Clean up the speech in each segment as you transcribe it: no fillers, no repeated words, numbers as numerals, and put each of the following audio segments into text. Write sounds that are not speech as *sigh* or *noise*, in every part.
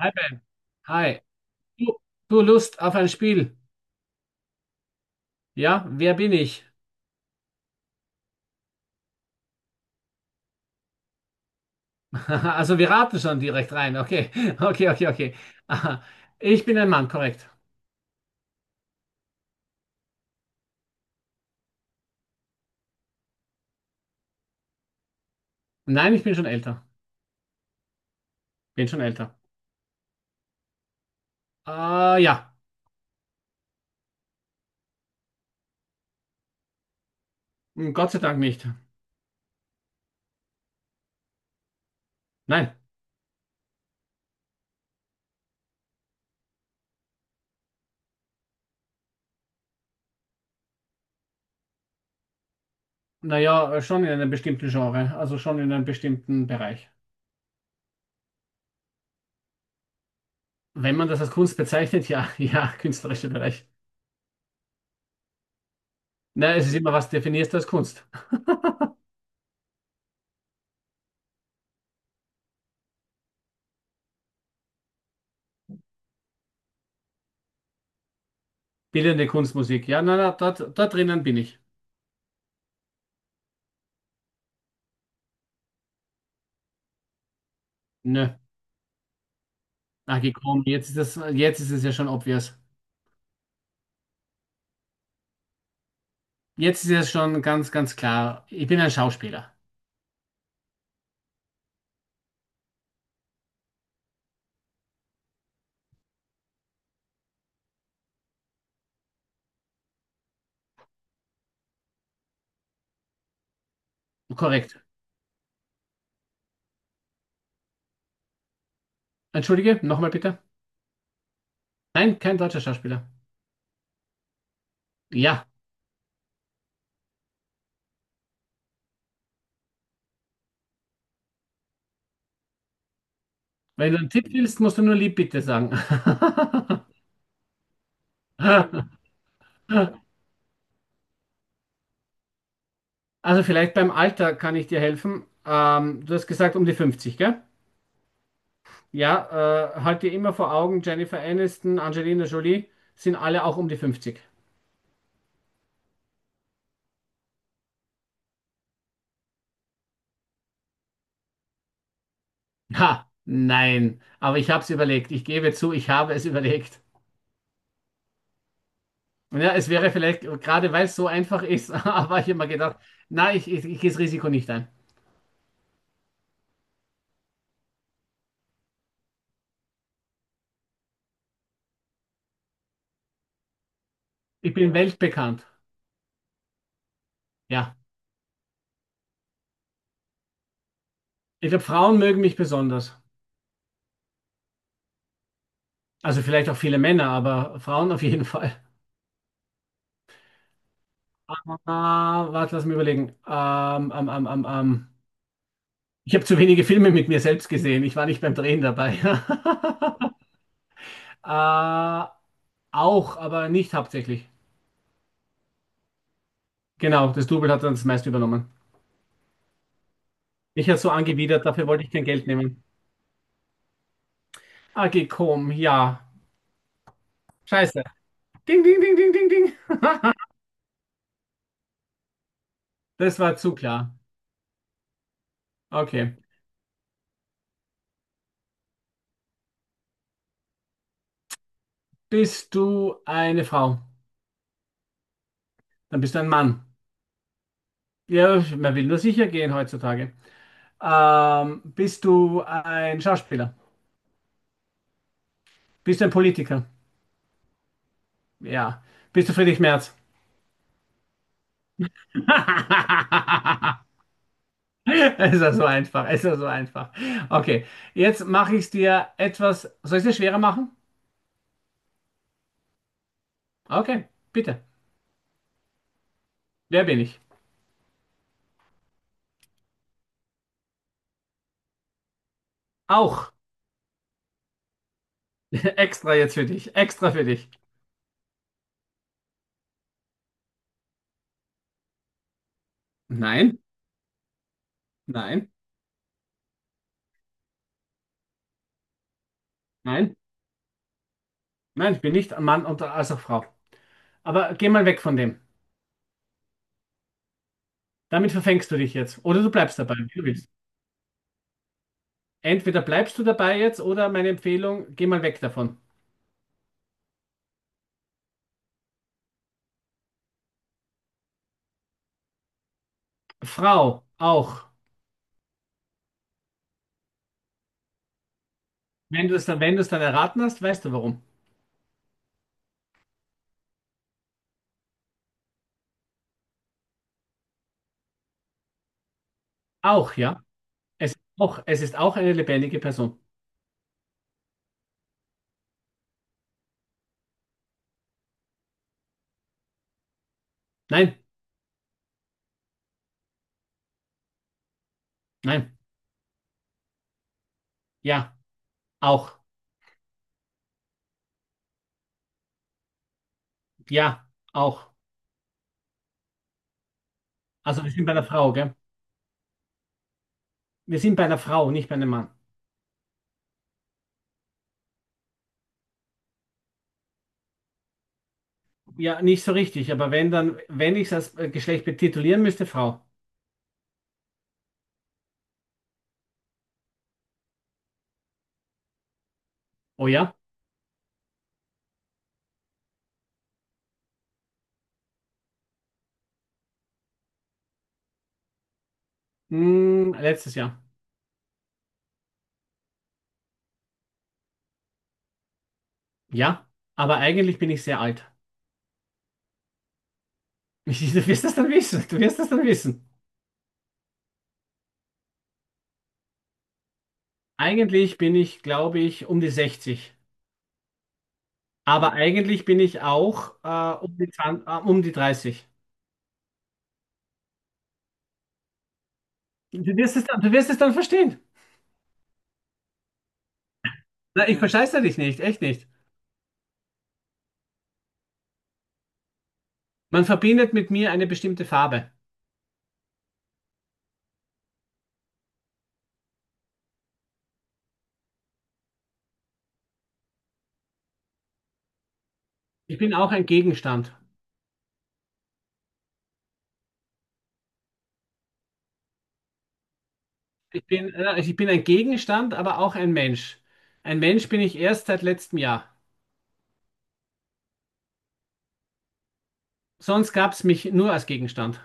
Hi, Ben. Hi. Du, du Lust auf ein Spiel? Ja, wer bin ich? *laughs* Also wir raten schon direkt rein. Okay, *laughs* okay, okay, okay. Aha. Ich bin ein Mann, korrekt. Nein, ich bin schon älter. Bin schon älter. Äh, ja, Hm, Gott sei Dank nicht. Nein. Naja, schon in einem bestimmten Genre, also schon in einem bestimmten Bereich. Wenn man das als Kunst bezeichnet, ja, *laughs* ja, künstlerischer Bereich. Na, es ist immer, was definierst du als Kunst? Bildende Kunstmusik. Ja, na, na, dort, dort drinnen bin ich. Nö. Ach, gekommen. Jetzt ist das, jetzt ist es ja schon obvious. Jetzt ist es schon ganz, ganz klar. Ich bin ein Schauspieler. Korrekt. Entschuldige, nochmal bitte. Nein, kein deutscher Schauspieler. Ja. Wenn du einen Tipp willst, musst du nur lieb bitte sagen. *laughs* Also vielleicht beim Alter kann ich dir helfen. Du hast gesagt um die 50, gell? Ja, halt dir immer vor Augen, Jennifer Aniston, Angelina Jolie sind alle auch um die 50. Ha, nein. Aber ich habe es überlegt. Ich gebe zu, ich habe es *laughs* überlegt. Ja, es wäre vielleicht, gerade weil es so einfach ist, *laughs* habe ich immer gedacht, na, ich gehe das Risiko nicht ein. Ich bin weltbekannt. Ja. Ich glaube, Frauen mögen mich besonders. Also vielleicht auch viele Männer, aber Frauen auf jeden Fall. Ah, warte, lass mich überlegen. Ich habe zu wenige Filme mit mir selbst gesehen. Ich war nicht beim Drehen dabei. *laughs* äh, auch, aber nicht hauptsächlich. Genau, das Double hat dann das meiste übernommen. Mich hat so angewidert, dafür wollte ich kein Geld nehmen. AG Com, ja. Scheiße. Ding, ding, ding, ding, ding, ding. Das war zu klar. Okay. Bist du eine Frau? Dann bist du ein Mann. Ja, man will nur sicher gehen heutzutage. Bist du ein Schauspieler? Bist du ein Politiker? Ja. Bist du Friedrich Merz? *laughs* Es ist ja so einfach, es ist ja so einfach. Okay, jetzt mache ich es dir etwas. Soll ich es dir schwerer machen? Okay, bitte. Wer bin ich? Auch. *laughs* Extra jetzt für dich. Extra für dich. Nein, nein, nein. Nein, ich bin nicht Mann und als auch Frau. Aber geh mal weg von dem. Damit verfängst du dich jetzt. Oder du bleibst dabei, wie du willst. Entweder bleibst du dabei jetzt oder meine Empfehlung, geh mal weg davon. Frau, auch. Wenn du es dann, wenn du es dann erraten hast, weißt du warum. Auch, ja. Es ist auch eine lebendige Person. Nein, nein. Ja, auch. Ja, auch. Also wir sind bei einer Frau, gell? Wir sind bei einer Frau, nicht bei einem Mann. Ja, nicht so richtig, aber wenn dann, wenn ich es als Geschlecht betitulieren müsste, Frau. Oh ja? Hm, letztes Jahr. Ja, aber eigentlich bin ich sehr alt. *laughs* Du wirst das dann wissen. Du wirst das dann wissen. Eigentlich bin ich, glaube ich, um die 60. Aber eigentlich bin ich auch um die 20, um die 30. Du wirst es dann, du wirst es dann verstehen. Na, ich verscheiße dich nicht, echt nicht. Man verbindet mit mir eine bestimmte Farbe. Ich bin auch ein Gegenstand. Ich bin ein Gegenstand, aber auch ein Mensch. Ein Mensch bin ich erst seit letztem Jahr. Sonst gab es mich nur als Gegenstand.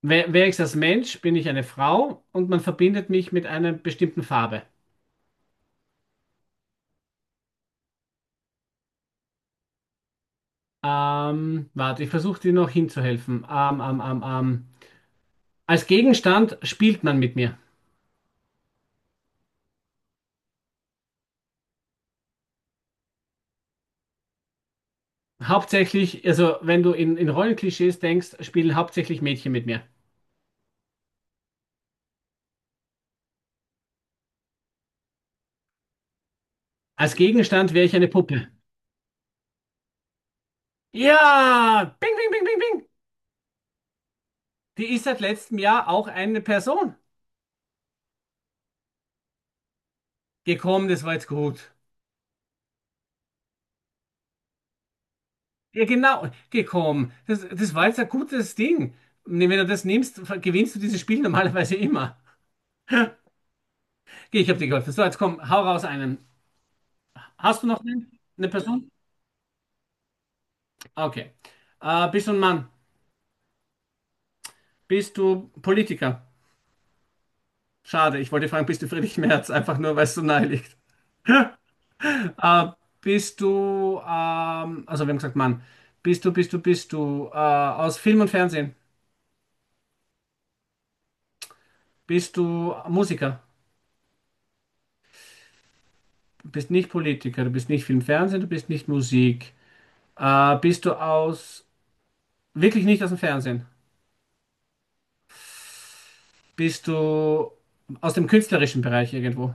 Wer ist als Mensch? Bin ich eine Frau und man verbindet mich mit einer bestimmten Farbe. Warte, ich versuche dir noch hinzuhelfen. Als Gegenstand spielt man mit mir. Hauptsächlich, also wenn du in Rollenklischees denkst, spielen hauptsächlich Mädchen mit mir. Als Gegenstand wäre ich eine Puppe. Ja, bing, bing, bing, bing, bing. Die ist seit letztem Jahr auch eine Person gekommen, das war jetzt gut. Ja, genau, gekommen. Das, das war jetzt ein gutes Ding. Nee, wenn du das nimmst, gewinnst du dieses Spiel normalerweise immer. Okay, ich habe dir geholfen. So, jetzt komm, hau raus einen. Hast du noch einen? Eine Person? Okay. Bist du ein Mann? Bist du Politiker? Schade, ich wollte fragen, bist du Friedrich Merz? Einfach nur, weil es so nahe liegt. Äh, Bist du, also wir haben gesagt Mann. Bist du aus Film und Fernsehen? Bist du Musiker? Du bist nicht Politiker, du bist nicht Film, Fernsehen, du bist nicht Musik. Bist du aus, wirklich nicht aus dem Fernsehen? Bist du aus dem künstlerischen Bereich irgendwo?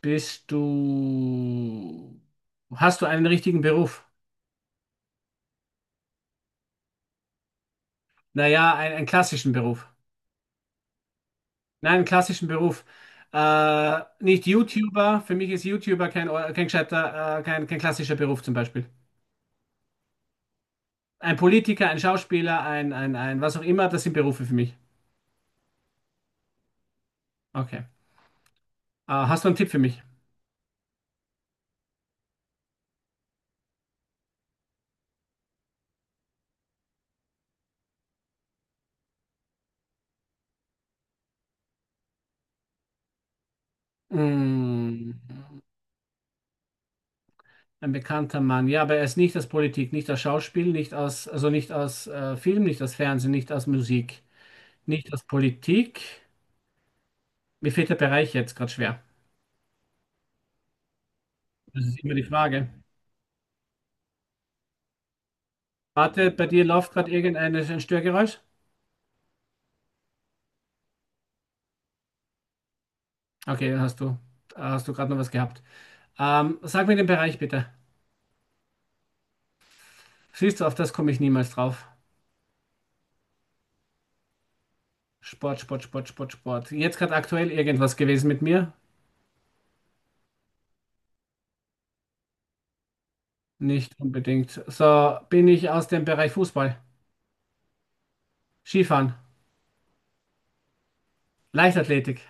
Bist du, hast du einen richtigen Beruf? Naja, einen klassischen Beruf. Nein, einen klassischen Beruf. Nicht YouTuber. Für mich ist YouTuber kein gescheiter, kein klassischer Beruf zum Beispiel. Ein Politiker, ein Schauspieler, ein, was auch immer, das sind Berufe für mich. Okay. Hast du einen Tipp für mich? Mm. Ein bekannter Mann. Ja, aber er ist nicht aus Politik, nicht aus Schauspiel, nicht aus, also nicht aus Film, nicht aus Fernsehen, nicht aus Musik, nicht aus Politik. Mir fehlt der Bereich jetzt gerade schwer. Das ist immer die Frage. Warte, bei dir läuft gerade irgendein ein Störgeräusch? Okay, dann hast du gerade noch was gehabt. Sag mir den Bereich bitte. Siehst du, auf das komme ich niemals drauf. Sport, Sport, Sport, Sport, Sport. Jetzt gerade aktuell irgendwas gewesen mit mir? Nicht unbedingt. So, bin ich aus dem Bereich Fußball, Skifahren, Leichtathletik.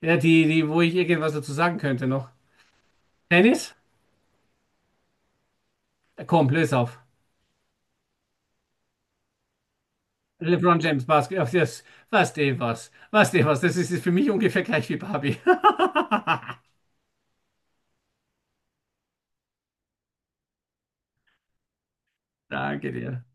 Ja, die, die, wo ich irgendwas dazu sagen könnte noch. Tennis? Komm, löse auf. LeBron James Basketball. Das, was, der was. Was, der was. Das ist für mich ungefähr gleich wie Barbie. *laughs* Danke dir.